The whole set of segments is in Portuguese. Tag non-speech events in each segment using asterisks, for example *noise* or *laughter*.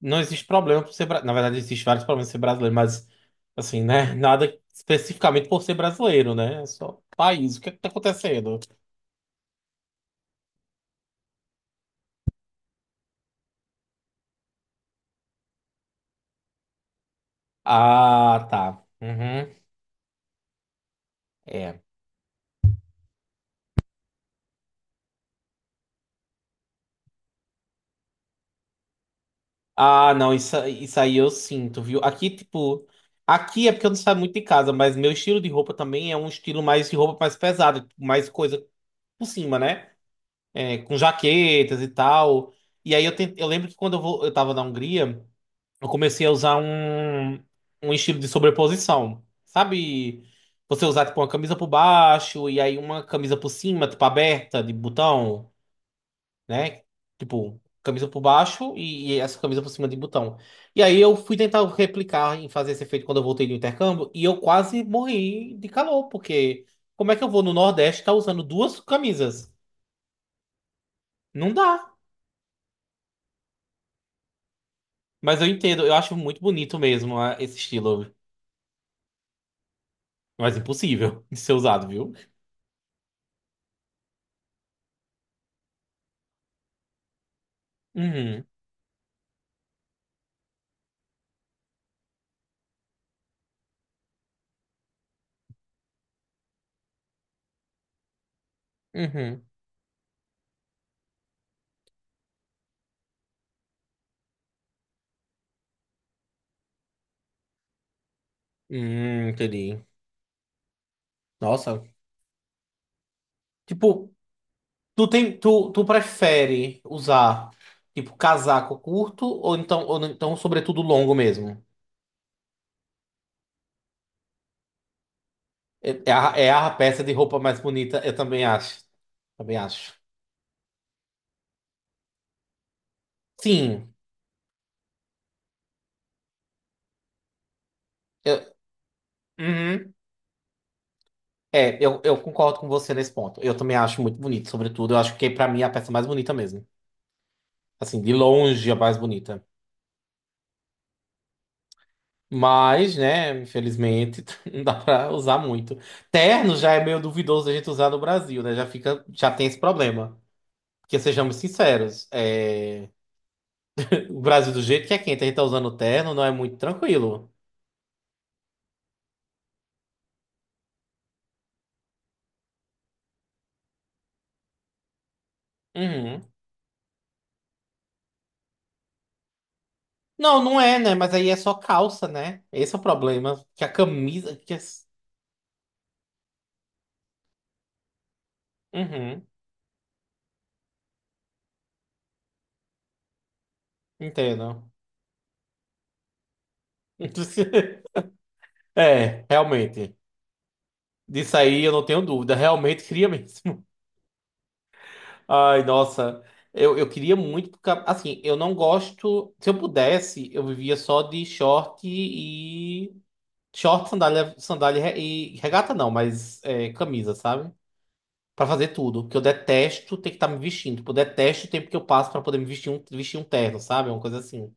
Não existe problema por ser brasileiro. Na verdade, existe vários problemas por ser brasileiro, mas assim, né? Nada especificamente por ser brasileiro, né? É só país. O que é que tá acontecendo? Ah, tá. Uhum. É. Ah, não, isso aí eu sinto, viu? Aqui, tipo. Aqui é porque eu não saio muito de casa, mas meu estilo de roupa também é um estilo mais de roupa mais pesada, tipo, mais coisa por cima, né? É, com jaquetas e tal. E aí eu, tentei, eu lembro que quando eu tava na Hungria. Eu comecei a usar um estilo de sobreposição. Sabe? Você usar, tipo, uma camisa por baixo e aí uma camisa por cima, tipo, aberta, de botão, né? Tipo, camisa por baixo e essa camisa por cima de botão. E aí eu fui tentar replicar em fazer esse efeito quando eu voltei do intercâmbio e eu quase morri de calor, porque como é que eu vou no Nordeste estar usando duas camisas? Não dá. Mas eu entendo, eu acho muito bonito mesmo esse estilo. Mas impossível *laughs* de ser usado, viu? Uhum. Uhum. Entendi. Nossa. Tipo, tu tem, tu prefere usar, tipo, casaco curto ou então sobretudo longo mesmo? É, é a, é a peça de roupa mais bonita, eu também acho. Também acho. Sim. Eu, uhum. É, eu concordo com você nesse ponto. Eu também acho muito bonito, sobretudo. Eu acho que pra mim é a peça mais bonita mesmo. Assim, de longe é a mais bonita. Mas, né, infelizmente, *laughs* não dá pra usar muito. Terno já é meio duvidoso da gente usar no Brasil, né? Já fica, já tem esse problema. Porque sejamos sinceros, é, o Brasil do jeito que é quente, a gente tá usando terno, não é muito tranquilo. Uhum. Não, não é, né? Mas aí é só calça, né? Esse é o problema. Que a camisa. Que as- Uhum. Entendo. *laughs* É, realmente. Disso aí eu não tenho dúvida. Realmente cria mesmo. Ai, nossa, eu queria muito, porque, assim, eu não gosto. Se eu pudesse, eu vivia só de short e. Short, sandália e regata não, mas é, camisa, sabe? Pra fazer tudo, porque eu detesto ter que estar me vestindo. Tipo, eu detesto o tempo que eu passo pra poder me vestir um, terno, sabe? Uma coisa assim.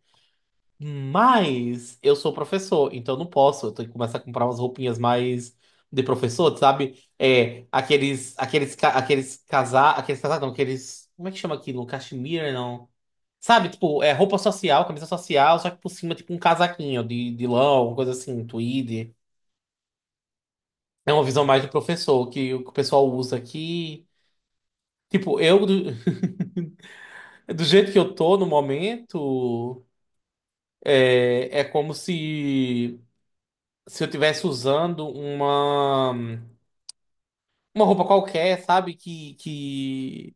Mas eu sou professor, então eu não posso. Eu tenho que começar a comprar umas roupinhas mais de professor, sabe? É, ca- aqueles casar, não, aqueles, como é que chama aquilo? Cachemira, não. Sabe, tipo, é roupa social, camisa social, só que por cima, tipo, um casaquinho de lã, alguma coisa assim, um tweed. É uma visão mais do professor, que o pessoal usa aqui. Tipo, eu, do, *laughs* do jeito que eu tô no momento, é, é como se. Se eu tivesse usando uma roupa qualquer, sabe? Que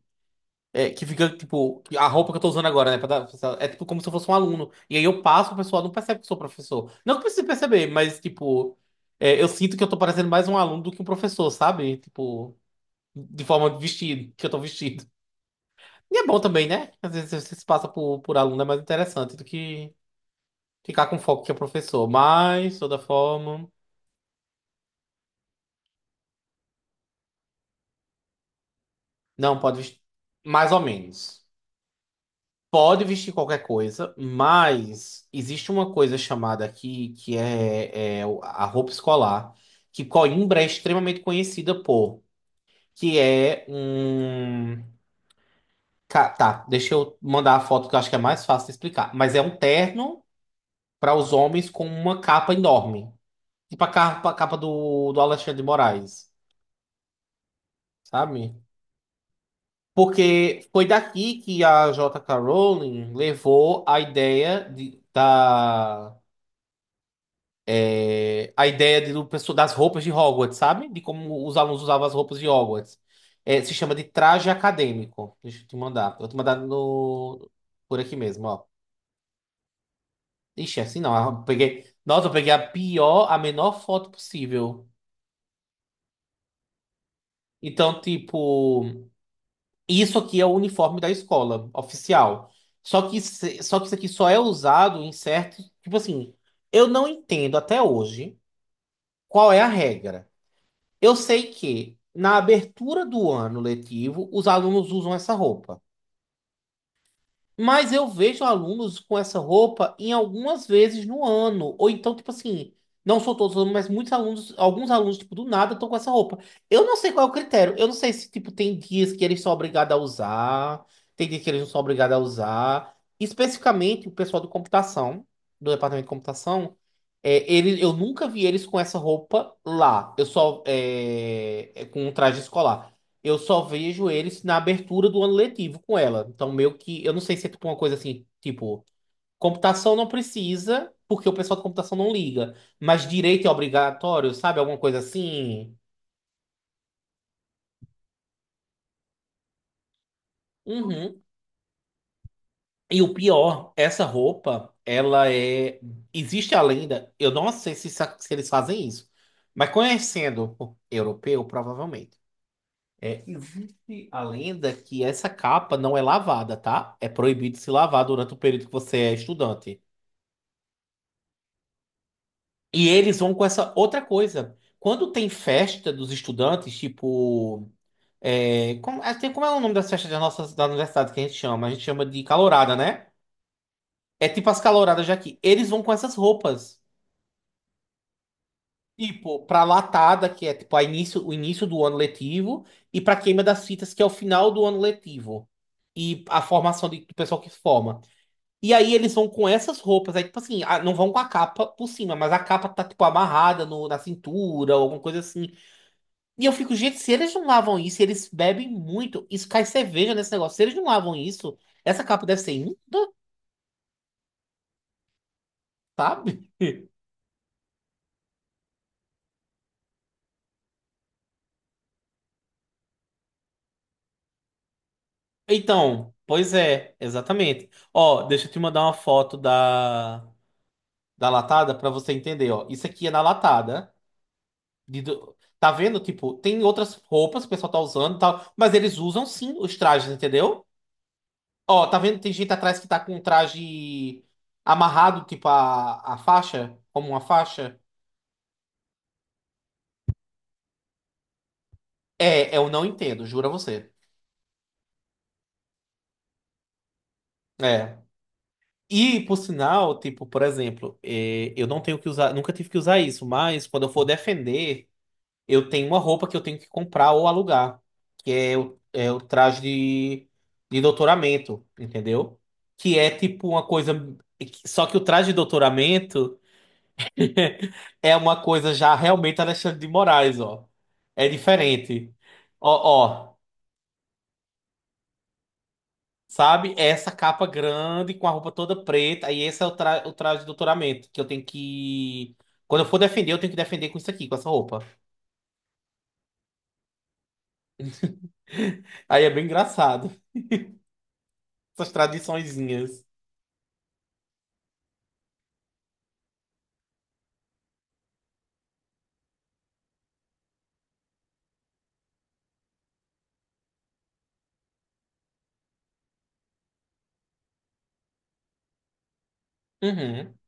é, que fica tipo a roupa que eu tô usando agora, né? Pra dar- pra- é tipo como se eu fosse um aluno. E aí eu passo, o pessoal não percebe que eu sou professor. Não que precise perceber, mas tipo é, eu sinto que eu tô parecendo mais um aluno do que um professor, sabe? Tipo de forma de vestido, que eu tô vestido. E é bom também, né? Às vezes você se passa por aluno é mais interessante do que ficar com foco que é professor. Mas, de toda forma, não pode vestir mais ou menos. Pode vestir qualquer coisa, mas existe uma coisa chamada aqui que é, é o- a roupa escolar, que Coimbra é extremamente conhecida por, que é um. Ca- Tá, deixa eu mandar a foto que eu acho que é mais fácil de explicar. Mas é um terno para os homens com uma capa enorme. Tipo a capa do, do Alexandre de Moraes, sabe? Porque foi daqui que a J.K. Rowling levou a ideia de, da. É, a ideia de- do, pessoa- das roupas de Hogwarts, sabe? De como os alunos usavam as roupas de Hogwarts. É, se chama de traje acadêmico. Deixa eu te mandar. Eu vou te mandar no, por aqui mesmo, ó. Ixi, é assim não. Eu peguei, nossa, eu peguei a pior, a menor foto possível. Então, tipo, isso aqui é o uniforme da escola oficial. Só que, se- só que isso aqui só é usado em certos. Tipo assim, eu não entendo até hoje qual é a regra. Eu sei que na abertura do ano letivo, os alunos usam essa roupa. Mas eu vejo alunos com essa roupa em algumas vezes no ano. Ou então, tipo assim, não sou todos, os alunos, mas muitos alunos, alguns alunos, tipo, do nada estão com essa roupa. Eu não sei qual é o critério. Eu não sei se, tipo, tem dias que eles são obrigados a usar, tem dias que eles não são obrigados a usar. Especificamente, o pessoal do computação, do departamento de computação, é, ele, eu nunca vi eles com essa roupa lá. Eu só, com um traje escolar. Eu só vejo eles na abertura do ano letivo com ela. Então, meio que. Eu não sei se é tipo uma coisa assim, tipo, computação não precisa, porque o pessoal de computação não liga. Mas direito é obrigatório, sabe? Alguma coisa assim. Uhum. E o pior, essa roupa, ela é. Existe a lenda. Eu não sei se eles fazem isso. Mas conhecendo o europeu, provavelmente. É, existe a lenda que essa capa não é lavada, tá? É proibido se lavar durante o período que você é estudante. E eles vão com essa outra coisa. Quando tem festa dos estudantes, tipo. É, como, é, tem- como é o nome das festas da nossa da universidade que a gente chama? A gente chama de calourada, né? É tipo as calouradas daqui. Eles vão com essas roupas. Tipo, pra latada, que é tipo a início, o início do ano letivo, e pra queima das fitas, que é o final do ano letivo. E a formação de- do pessoal que se forma. E aí eles vão com essas roupas. Aí, tipo assim, ah, não vão com a capa por cima, mas a capa tá, tipo, amarrada no, na cintura, ou alguma coisa assim. E eu fico, gente, se eles não lavam isso, eles bebem muito, isso cai cerveja nesse negócio. Se eles não lavam isso, essa capa deve ser imunda, sabe? *laughs* Então, pois é, exatamente. Ó, deixa eu te mandar uma foto da, da latada pra você entender, ó. Isso aqui é na latada. De do- tá vendo? Tipo, tem outras roupas que o pessoal tá usando e tal, mas eles usam sim os trajes, entendeu? Ó, tá vendo? Tem gente atrás que tá com um traje amarrado, tipo a faixa, como uma faixa. É, eu não entendo, juro a você. É. E, por sinal, tipo, por exemplo, é, eu não tenho que usar, nunca tive que usar isso, mas quando eu for defender, eu tenho uma roupa que eu tenho que comprar ou alugar, que é o, é o traje de doutoramento, entendeu? Que é tipo uma coisa. Só que o traje de doutoramento *laughs* é uma coisa já realmente Alexandre de Moraes, ó. É diferente. Ó, ó. Sabe? Essa capa grande, com a roupa toda preta. Aí esse é o, tra o traje de doutoramento, que eu tenho que. Quando eu for defender, eu tenho que defender com isso aqui, com essa roupa. *laughs* Aí é bem engraçado. Essas tradiçõezinhas. Uhum.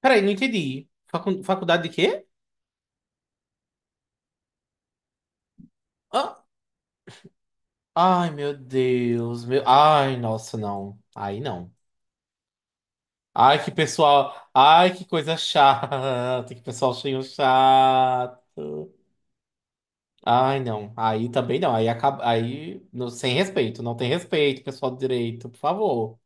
Peraí, não entendi. Facu- faculdade de quê? Ah, ai, meu Deus. Meu... Ai, nossa, não. Aí não. Ai, que pessoal. Ai, que coisa *laughs* chata. Que pessoal cheio chato. Ai, não. Aí também não. Aí acaba. Aí. Não- sem respeito. Não tem respeito, pessoal do direito, por favor.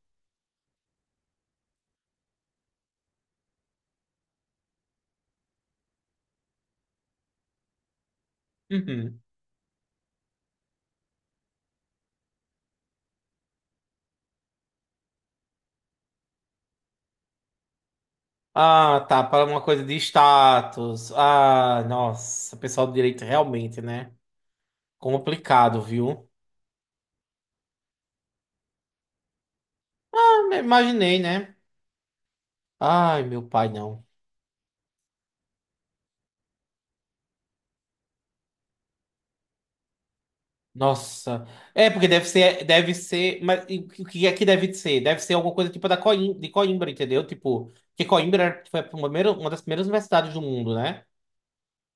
Uhum. Ah, tá. Para uma coisa de status. Ah, nossa. Pessoal do direito realmente, né? Complicado, viu? Ah, imaginei, né? Ai, meu pai, não. Nossa. É, porque deve ser. Deve ser. Mas e o que é que deve ser? Deve ser alguma coisa tipo da Coim, de Coimbra, entendeu? Tipo, que Coimbra foi a primeira, uma das primeiras universidades do mundo, né?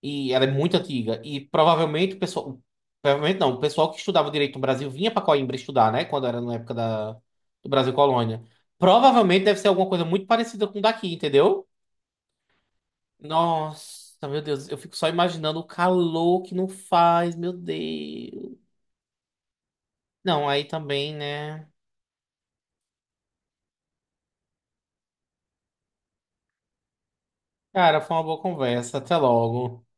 E ela é muito antiga. E provavelmente o pessoal. Provavelmente não, o pessoal que estudava direito no Brasil vinha para Coimbra estudar, né? Quando era na época da, do Brasil Colônia. Provavelmente deve ser alguma coisa muito parecida com o daqui, entendeu? Nossa, meu Deus, eu fico só imaginando o calor que não faz, meu Deus. Não, aí também, né? Cara, foi uma boa conversa. Até logo.